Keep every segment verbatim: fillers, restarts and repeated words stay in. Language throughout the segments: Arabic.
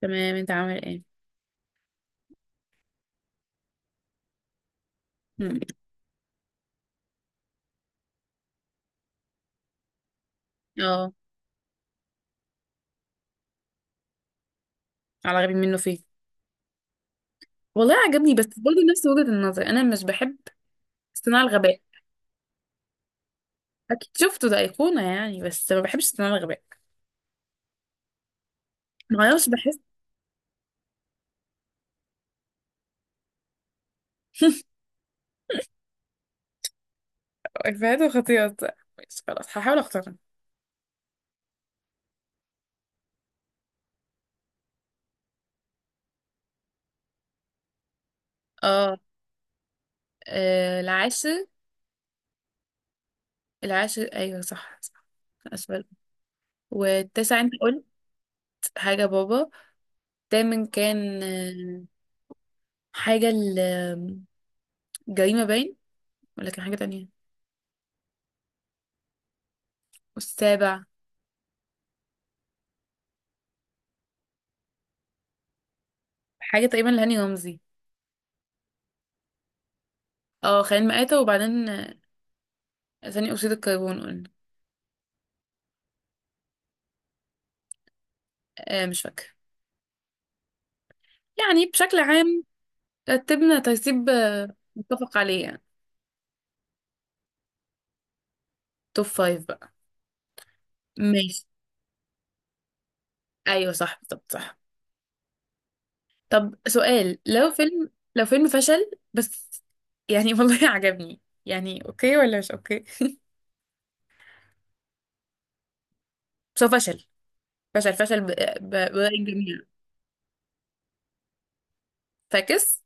تمام انت عامل ايه. مم. اه، على غبي منه فيه. والله عجبني بس برضه نفس وجهة النظر انا مش بحب صناع الغباء. اكيد شفته، ده ايقونة يعني بس ما بحبش صناع الغباء. ما اعرفش بحس. افيهاته خطيرة بصراحة. ماشي خلاص هحاول اختارها. اه، آه، العاشر. العاشر ايوه صح صح. اسفل. والتاسع انت قلت حاجة بابا. الثامن كان آه، حاجة، الجريمة باين ولا كان حاجة تانية. والسابع حاجة تقريبا لهاني رمزي. اه خلينا مآتة وبعدين آه، ثاني أكسيد الكربون قلنا. آه مش فاكرة يعني بشكل عام رتبنا ترتيب، آه، متفق عليه يعني. توب فايف بقى ماشي. أيوه صح بالظبط صح. طب سؤال، لو فيلم لو فيلم فشل بس يعني والله عجبني، يعني أوكي ولا مش أوكي. بس هو فشل فشل فشل ب- ب- برأي الجميع. فاكس.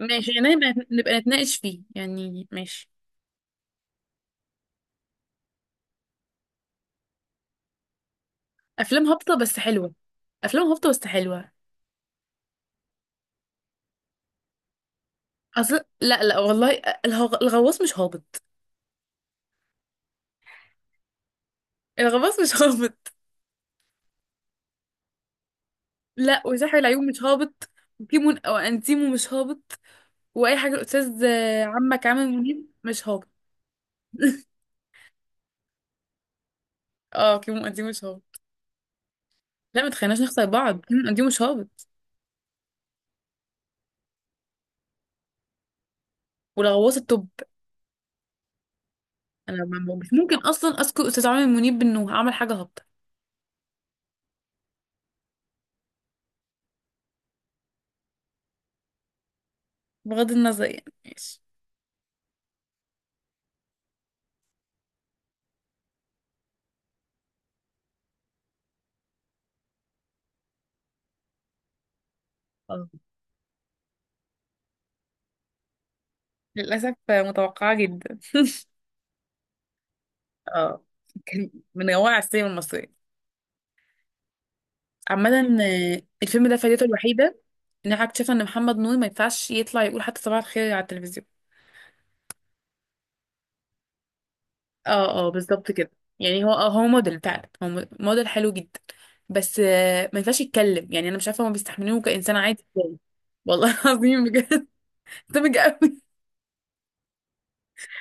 ماشي يعني نبقى نبقى نتناقش فيه يعني، ماشي. أفلام هابطة بس حلوة. أفلام هابطة بس حلوة. اصل لا لا والله، الهغ- الغواص مش هابط. الغواص مش هابط. لا وساحر العيون مش هابط. وكيمون او انتيمو مش هابط. واي حاجه الاستاذ آه، عمك عامل منيب مش هابط. اه كيمون انتيمو مش هابط. لا ما تخليناش نخسر بعض، كيمون انتيمو مش هابط. والغواص التوب. انا ما- مش ممكن اصلا اذكر استاذ عامر منيب بانه عمل حاجه هابطه. بغض النظر يعني ماشي. اه للاسف، آه، متوقعه جدا. اه كان من روائع السينما المصريه عامة. آه، الفيلم ده فايدته الوحيدة ان انا اكتشفت ان محمد نور ما ينفعش يطلع يقول حتى صباح الخير على التلفزيون. اه اه بالظبط كده. يعني هو، آه، هو موديل فعلا، هو مو- موديل حلو جدا بس، آه، ما ينفعش يتكلم يعني انا مش عارفه هما بيستحملوه كانسان عادي ازاي. والله العظيم بجد سامج قوي.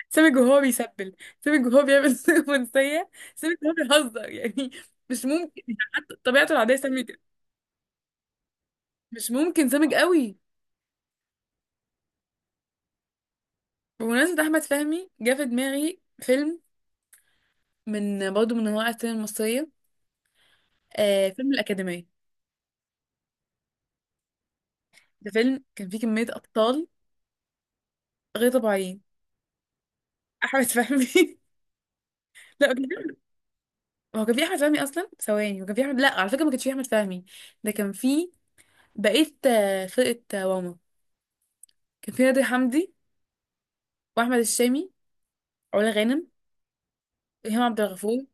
سامج وهو بيسبل. سامج وهو بيعمل رومانسيه. سامج وهو بيهزر يعني. مش ممكن يعني، حتى طبيعته العاديه سامج كده. مش ممكن سامج قوي. بمناسبة أحمد فهمي جه في دماغي فيلم، من برضه من انواع السينما المصريه، آه فيلم الاكاديميه. ده فيلم كان فيه كميه ابطال غير طبيعيين. احمد فهمي. لا بجد. هو كان فيه احمد فهمي اصلا ثواني، وكان فيه احمد، لا على فكره ما كانش فيه احمد فهمي. ده كان فيه بقيه، آه، فرقه، آه، واما كان فيه نادر حمدي واحمد الشامي، علا غانم، وهيما عبد الغفور،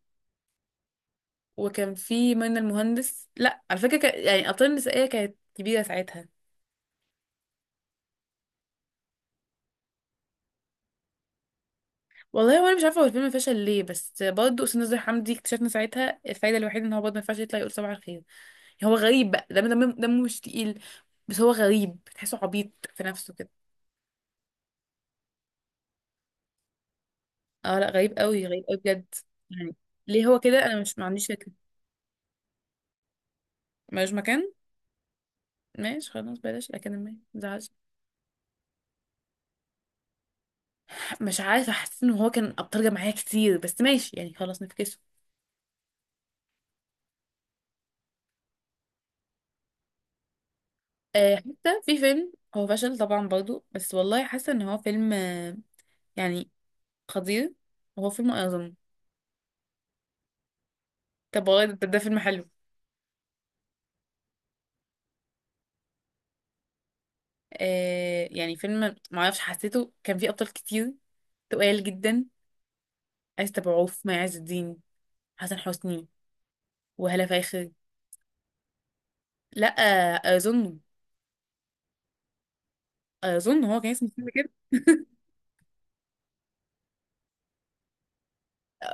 وكان فيه منى المهندس، لا على فكره كان... يعني الابطال النسائيه كانت كبيره ساعتها. والله وانا مش عارفه هو الفيلم فشل ليه، بس برضه استاذ نزار حمدي اكتشفنا ساعتها الفايده الوحيده ان هو برضه ما ينفعش يطلع يقول صباح الخير. هو غريب بقى، دم دم دمه مش تقيل، بس هو غريب تحسه عبيط في نفسه كده. اه لا غريب قوي غريب قوي بجد. يعني ليه هو كده، انا مش ما عنديش فكره. ملوش مكان. ماشي خلاص بلاش الاكاديميه، ما تزعلش. مش عارفه حسيت ان هو كان ابطال جماعيه كتير بس ماشي يعني خلاص نفكسه. آه حتى في فيلم هو فشل طبعا برضو بس والله حاسه ان هو فيلم، آه، يعني خطير، وهو فيلم اعظم. طب والله ده, ده فيلم حلو. آه يعني فيلم معرفش حسيته كان فيه ابطال كتير، تقال جدا. آية أبو مي عز الدين، حسن حسني، وهالة فاخر. لا اظن، اظن هو كان اسمه فيلم كده.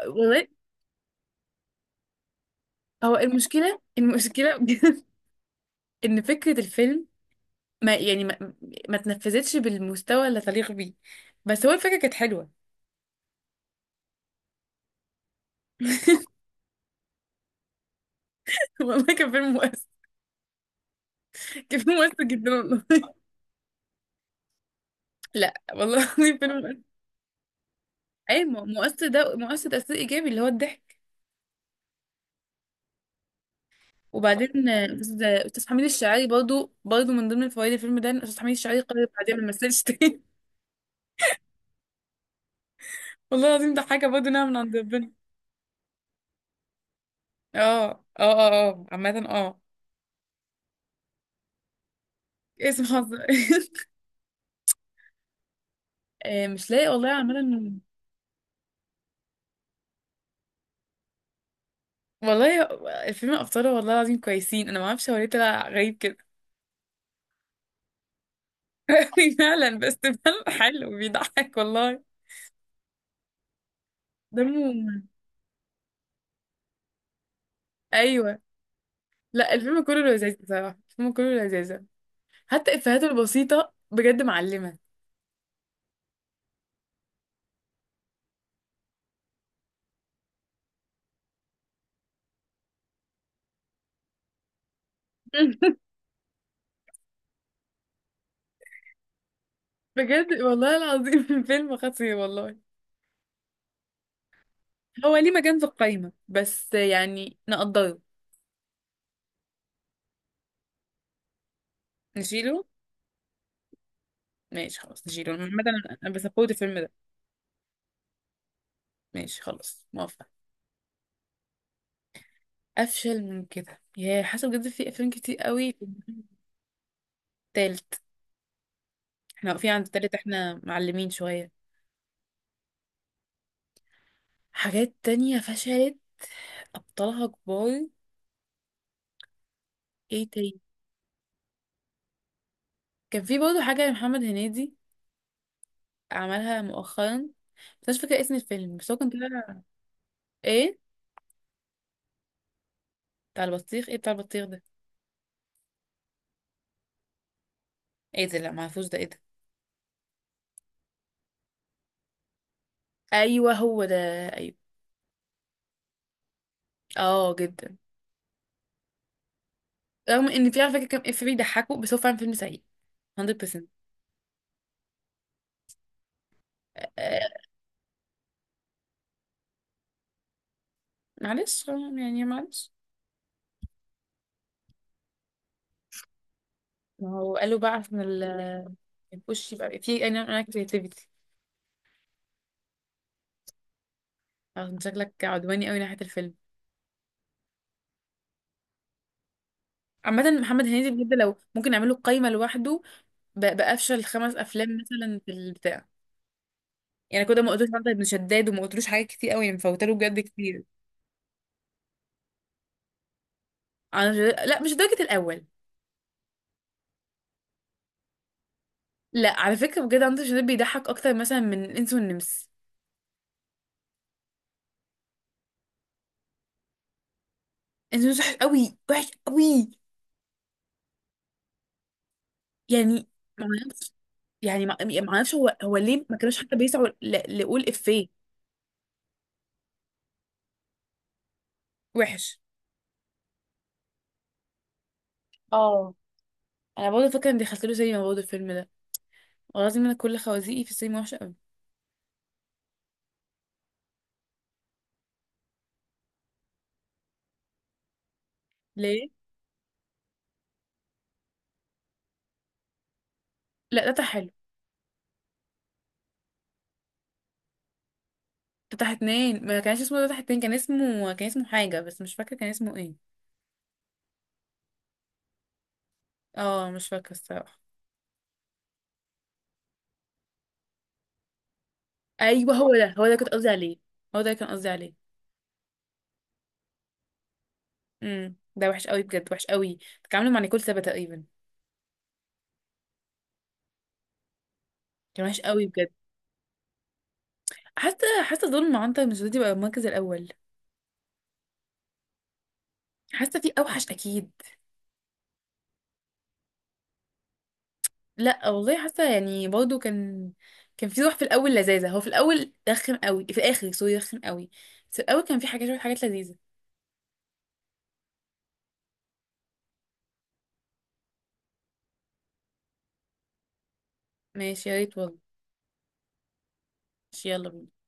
والله هو المشكله المشكله بجد ان فكره الفيلم، ما يعني ما, ما تنفذتش بالمستوى اللي تليق بيه، بس هو الفكره كانت حلوه. والله كان فيلم مؤثر. كان فيلم مؤثر جدا والله. لا والله العظيم فيلم مؤثر. اي مؤثر، ده مؤثر تاثير ايجابي اللي هو الضحك. وبعدين، آه، أستاذ أستاذ حميد الشاعري برضو برضو من ضمن فوائد الفيلم ده إن أستاذ حميد الشاعري قرر بعدين ما مثلش تاني. والله العظيم ده حاجة برضو نعمة من عند ربنا. اه اه اه اه عامة اه، اسم حظ. آه، مش لاقي والله عامة. والله الفيلم أبطاله والله العظيم كويسين، أنا ما أعرفش هو ليه طلع غريب كده. فعلا، بس فعلا حلو بيضحك والله. دمه أيوه. لا الفيلم كله لذيذ بصراحة، الفيلم كله لذيذ، حتى إفيهاته البسيطة بجد معلمة. بجد والله العظيم فيلم خطير والله. هو ليه مكان في القايمة بس، يعني نقدره نشيله. ماشي خلاص نشيله، مثلا انا بسبورت الفيلم ده. ماشي خلاص موافقة. افشل من كده يا حسب بجد في افلام كتير قوي. تالت، احنا واقفين عند التالت، احنا معلمين شوية. حاجات تانية فشلت، ابطالها كبار. ايه تاني. كان في برضه حاجة لمحمد هنيدي عملها مؤخرا بس مش فاكرة اسم الفيلم، بس هو كان طالع. ايه بتاع البطيخ، ايه بتاع البطيخ ده. ايه ده، لا معرفوش، ده ايه ده. ايوه هو ده، ايوه. اه جدا. رغم ان في على فكره كام اف بيضحكوا، بس هو فعلا فيلم سيء مائة في المائة. آه معلش، آه، يعني معلش. ما هو قالوا بقى عشان ال- الوش يبقى في، انا انا كريتيفيتي. شكلك عدواني قوي ناحيه الفيلم. عامة محمد هنيدي بجد لو ممكن نعمله قايمة لوحده ب- بأفشل خمس أفلام مثلا في البتاع. يعني كده ما قلتلوش عبد ابن شداد، وما قلتلوش حاجات كتير قوي يعني مفوتاله بجد كتير. أنا مش... لا مش درجة الأول. لا على فكرة بجد عنتر شداد بيضحك أكتر مثلا من الإنس والنمس. الإنس والنمس وحش أوي وحش أوي يعني. معرفش، يعني ما معرفش هو هو ليه ما كانوش حتى بيسعوا ل- لقول إفيه. وحش اه. أنا برضه فاكرة إني دخلت له سينما برضه الفيلم ده. والله العظيم أنا كل خوازيقي في السينما وحشة أوي. ليه؟ لا ده حلو. ده اتنين، ما كانش اسمه ده اتنين، كان اسمه كان اسمه حاجة بس مش فاكرة كان اسمه ايه. اه مش فاكرة الصراحة. أيوه هو ده، هو ده كنت قصدي عليه. هو ده كان قصدي عليه. امم، ده وحش قوي بجد وحش قوي. اتعاملوا مع نيكول سابا تقريبا. كان وحش قوي بجد. حاسه، حاسه دول مع عنتر مسعودي بقى المركز الاول. حاسه في اوحش اكيد. لا والله حاسه، يعني برضه كان، كان في روح في الاول لذاذه، هو في الاول رخم قوي في الاخر، سوري رخم قوي، بس في الاول كان في حاجات شويه حاجات لذيذه. ماشي يا ريت والله. ماشي، يلا بينا.